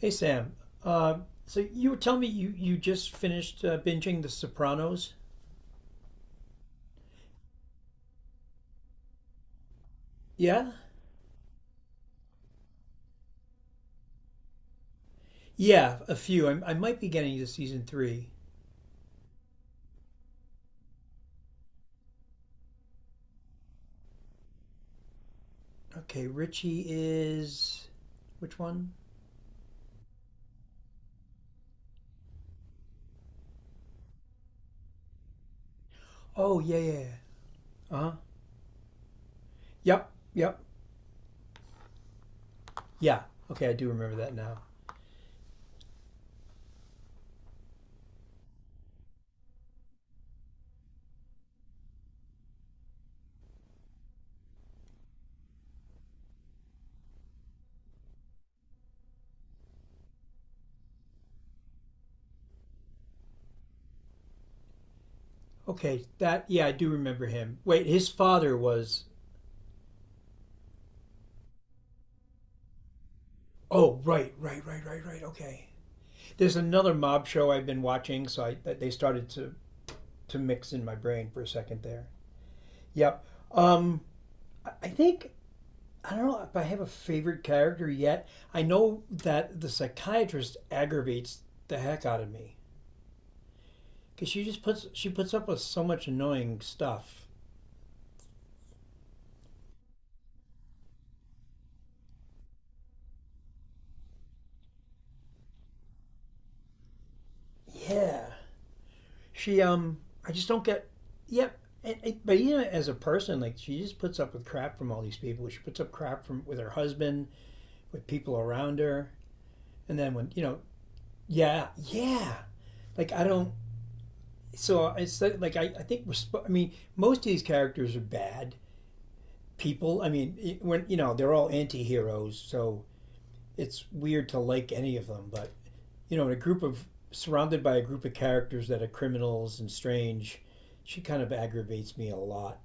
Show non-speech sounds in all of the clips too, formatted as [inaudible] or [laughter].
Hey, Sam. Uh, so you were telling me you just finished binging The Sopranos? Yeah? Yeah, a few. I might be getting to season three. Okay, Richie is. Which one? Oh, yeah, yeah, yeah. Uh-huh. Yep, yep. Yeah. Okay, I do remember that now. Okay, that. Yeah, I do remember him. Wait, his father was. Oh, right, right, right, right, right. Okay. There's another mob show I've been watching, so I, that they started to mix in my brain for a second there. Yep. Um, think I don't know if I have a favorite character yet. I know that the psychiatrist aggravates the heck out of me because she just puts she puts up with so much annoying stuff. Yeah, she I just don't get. Yep, yeah, and but even as a person, like she just puts up with crap from all these people. She puts up crap from with her husband, with people around her, and then when, yeah, yeah. Like I don't. So it's like, I think we're. I mean, most of these characters are bad people. I mean, when you know they're all anti-heroes, so it's weird to like any of them. But you know, in a group of surrounded by a group of characters that are criminals and strange, she kind of aggravates me a lot.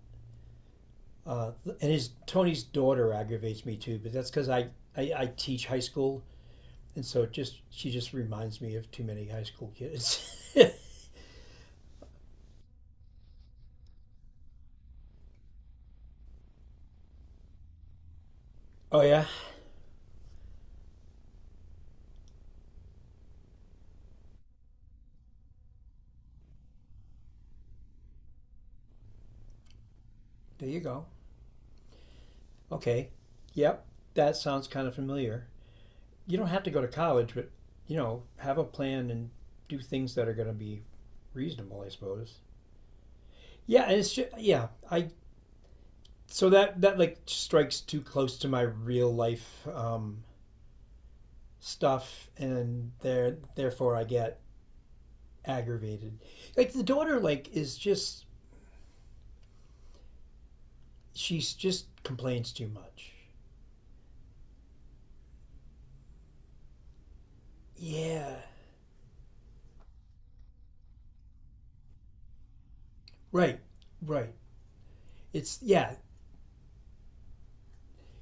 Uh, and his Tony's daughter aggravates me too, but that's because I, I teach high school, and so it just she just reminds me of too many high school kids. [laughs] Oh yeah, there you go. Okay, yep, that sounds kind of familiar. You don't have to go to college, but you know, have a plan and do things that are going to be reasonable, I suppose. Yeah, and it's just, yeah, I so that like strikes too close to my real life stuff, and therefore I get aggravated. Like the daughter, like is just she's just complains too much. Yeah, right, right. It's yeah,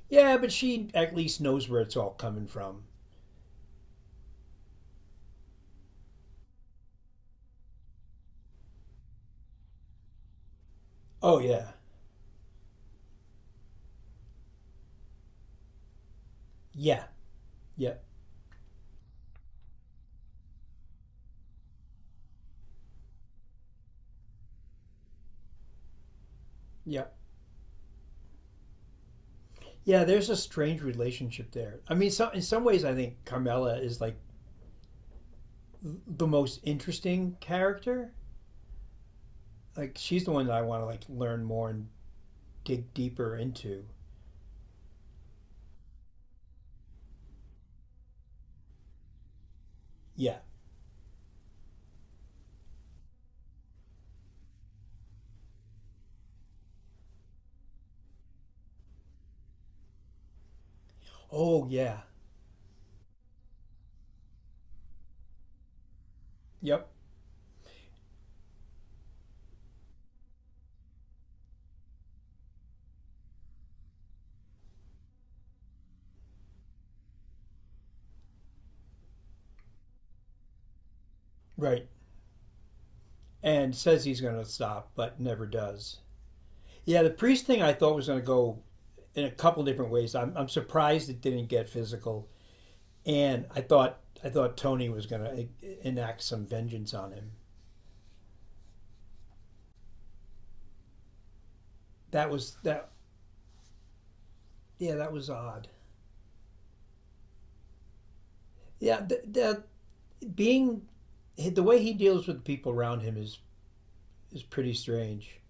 yeah, but she at least knows where it's all coming from. Oh yeah, yeah, yeah, yeah. Yeah, there's a strange relationship there. I mean, so in some ways, I think Carmela is like the most interesting character. Like she's the one that I want to like learn more and dig deeper into. Yeah. Oh yeah. Yep. Right. And says he's going to stop, but never does. Yeah, the priest thing I thought was going to go in a couple different ways. I'm surprised it didn't get physical, and I thought Tony was going to enact some vengeance on him. That was that. Yeah, that was odd. Yeah, that being the way he deals with people around him is pretty strange.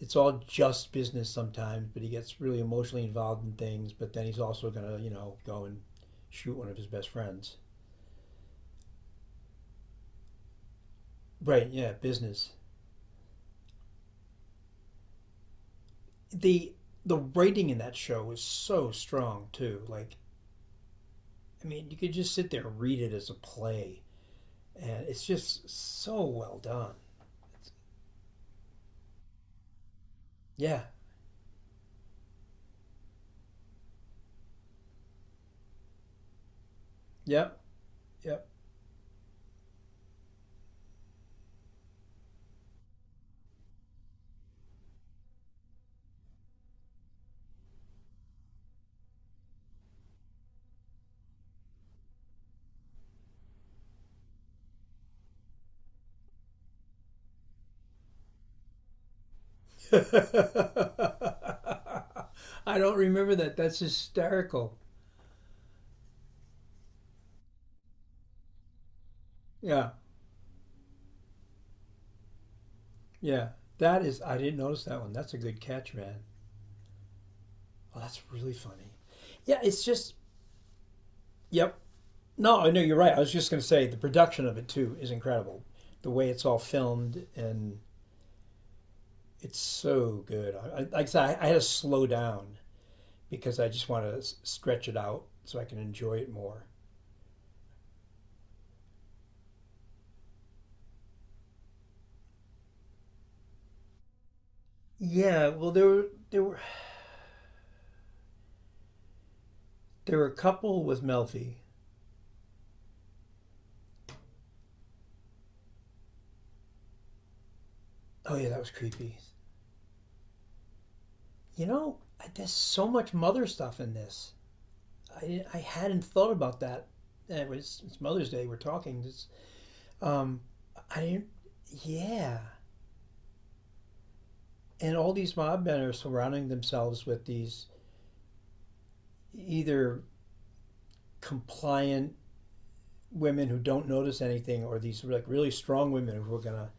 It's all just business sometimes, but he gets really emotionally involved in things. But then he's also gonna, you know, go and shoot one of his best friends. Right? Yeah, business. The the writing in that show was so strong too. Like, I mean, you could just sit there and read it as a play, and it's just so well done. It's, yeah. Yep. Yep. [laughs] I don't remember that. That's hysterical. Yeah, yeah. That is, I didn't notice that one. That's a good catch, man. Oh, that's really funny. Yeah, it's just, yep. No, I know you're right. I was just going to say the production of it too is incredible. The way it's all filmed and it's so good. Like I said, I had to slow down because I just want to stretch it out so I can enjoy it more. Yeah, well, there were a couple with Melfi. Oh yeah, that was creepy. You know, there's so much mother stuff in this. I hadn't thought about that. And it's Mother's Day. We're talking. Just, um, I didn't. Yeah, and all these mob men are surrounding themselves with these either compliant women who don't notice anything, or these like really strong women who are gonna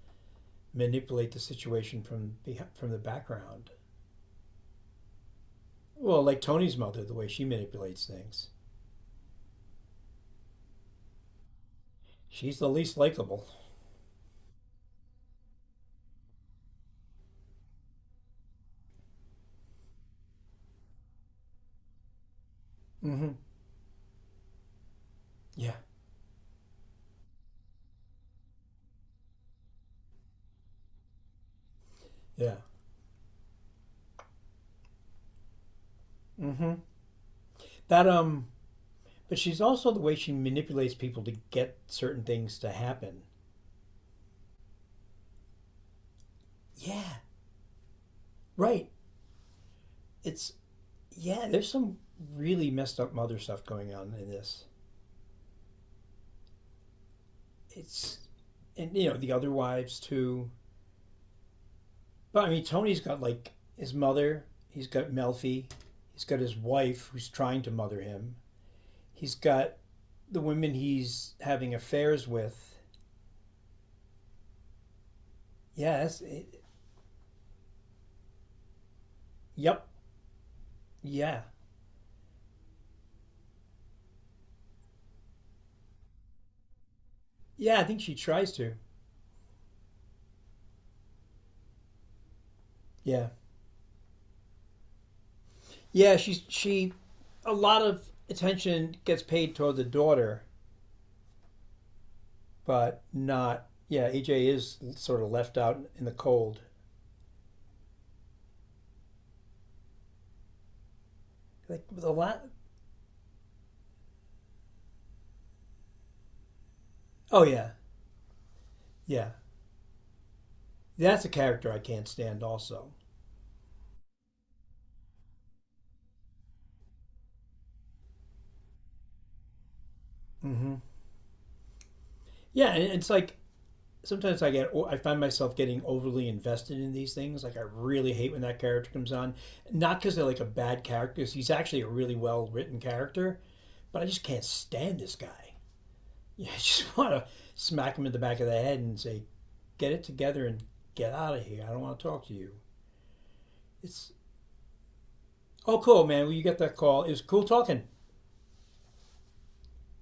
manipulate the situation from the background. Well, like Tony's mother, the way she manipulates things. She's the least likable. Mm-hmm. Yeah. Yeah. Mm-hmm. That But she's also the way she manipulates people to get certain things to happen. Yeah. Right. It's yeah, there's some really messed up mother stuff going on in this. It's and you know, the other wives too. But I mean Tony's got like his mother, he's got Melfi, he's got his wife who's trying to mother him. He's got the women he's having affairs with. Yes. It, yep. Yeah. Yeah, I think she tries to. Yeah. Yeah, she's she a lot of attention gets paid toward the daughter, but not yeah. EJ is sort of left out in the cold. Like the lot. Oh yeah, yeah. That's a character I can't stand. Also, mm-hmm. Yeah, and it's like sometimes I get I find myself getting overly invested in these things. Like I really hate when that character comes on, not because they're like a bad character. 'Cause he's actually a really well written character, but I just can't stand this guy. [laughs] Yeah, I just want to smack him in the back of the head and say, get it together and get out of here. I don't want to talk to you. It's oh cool, man. Well, you get that call. It was cool talking.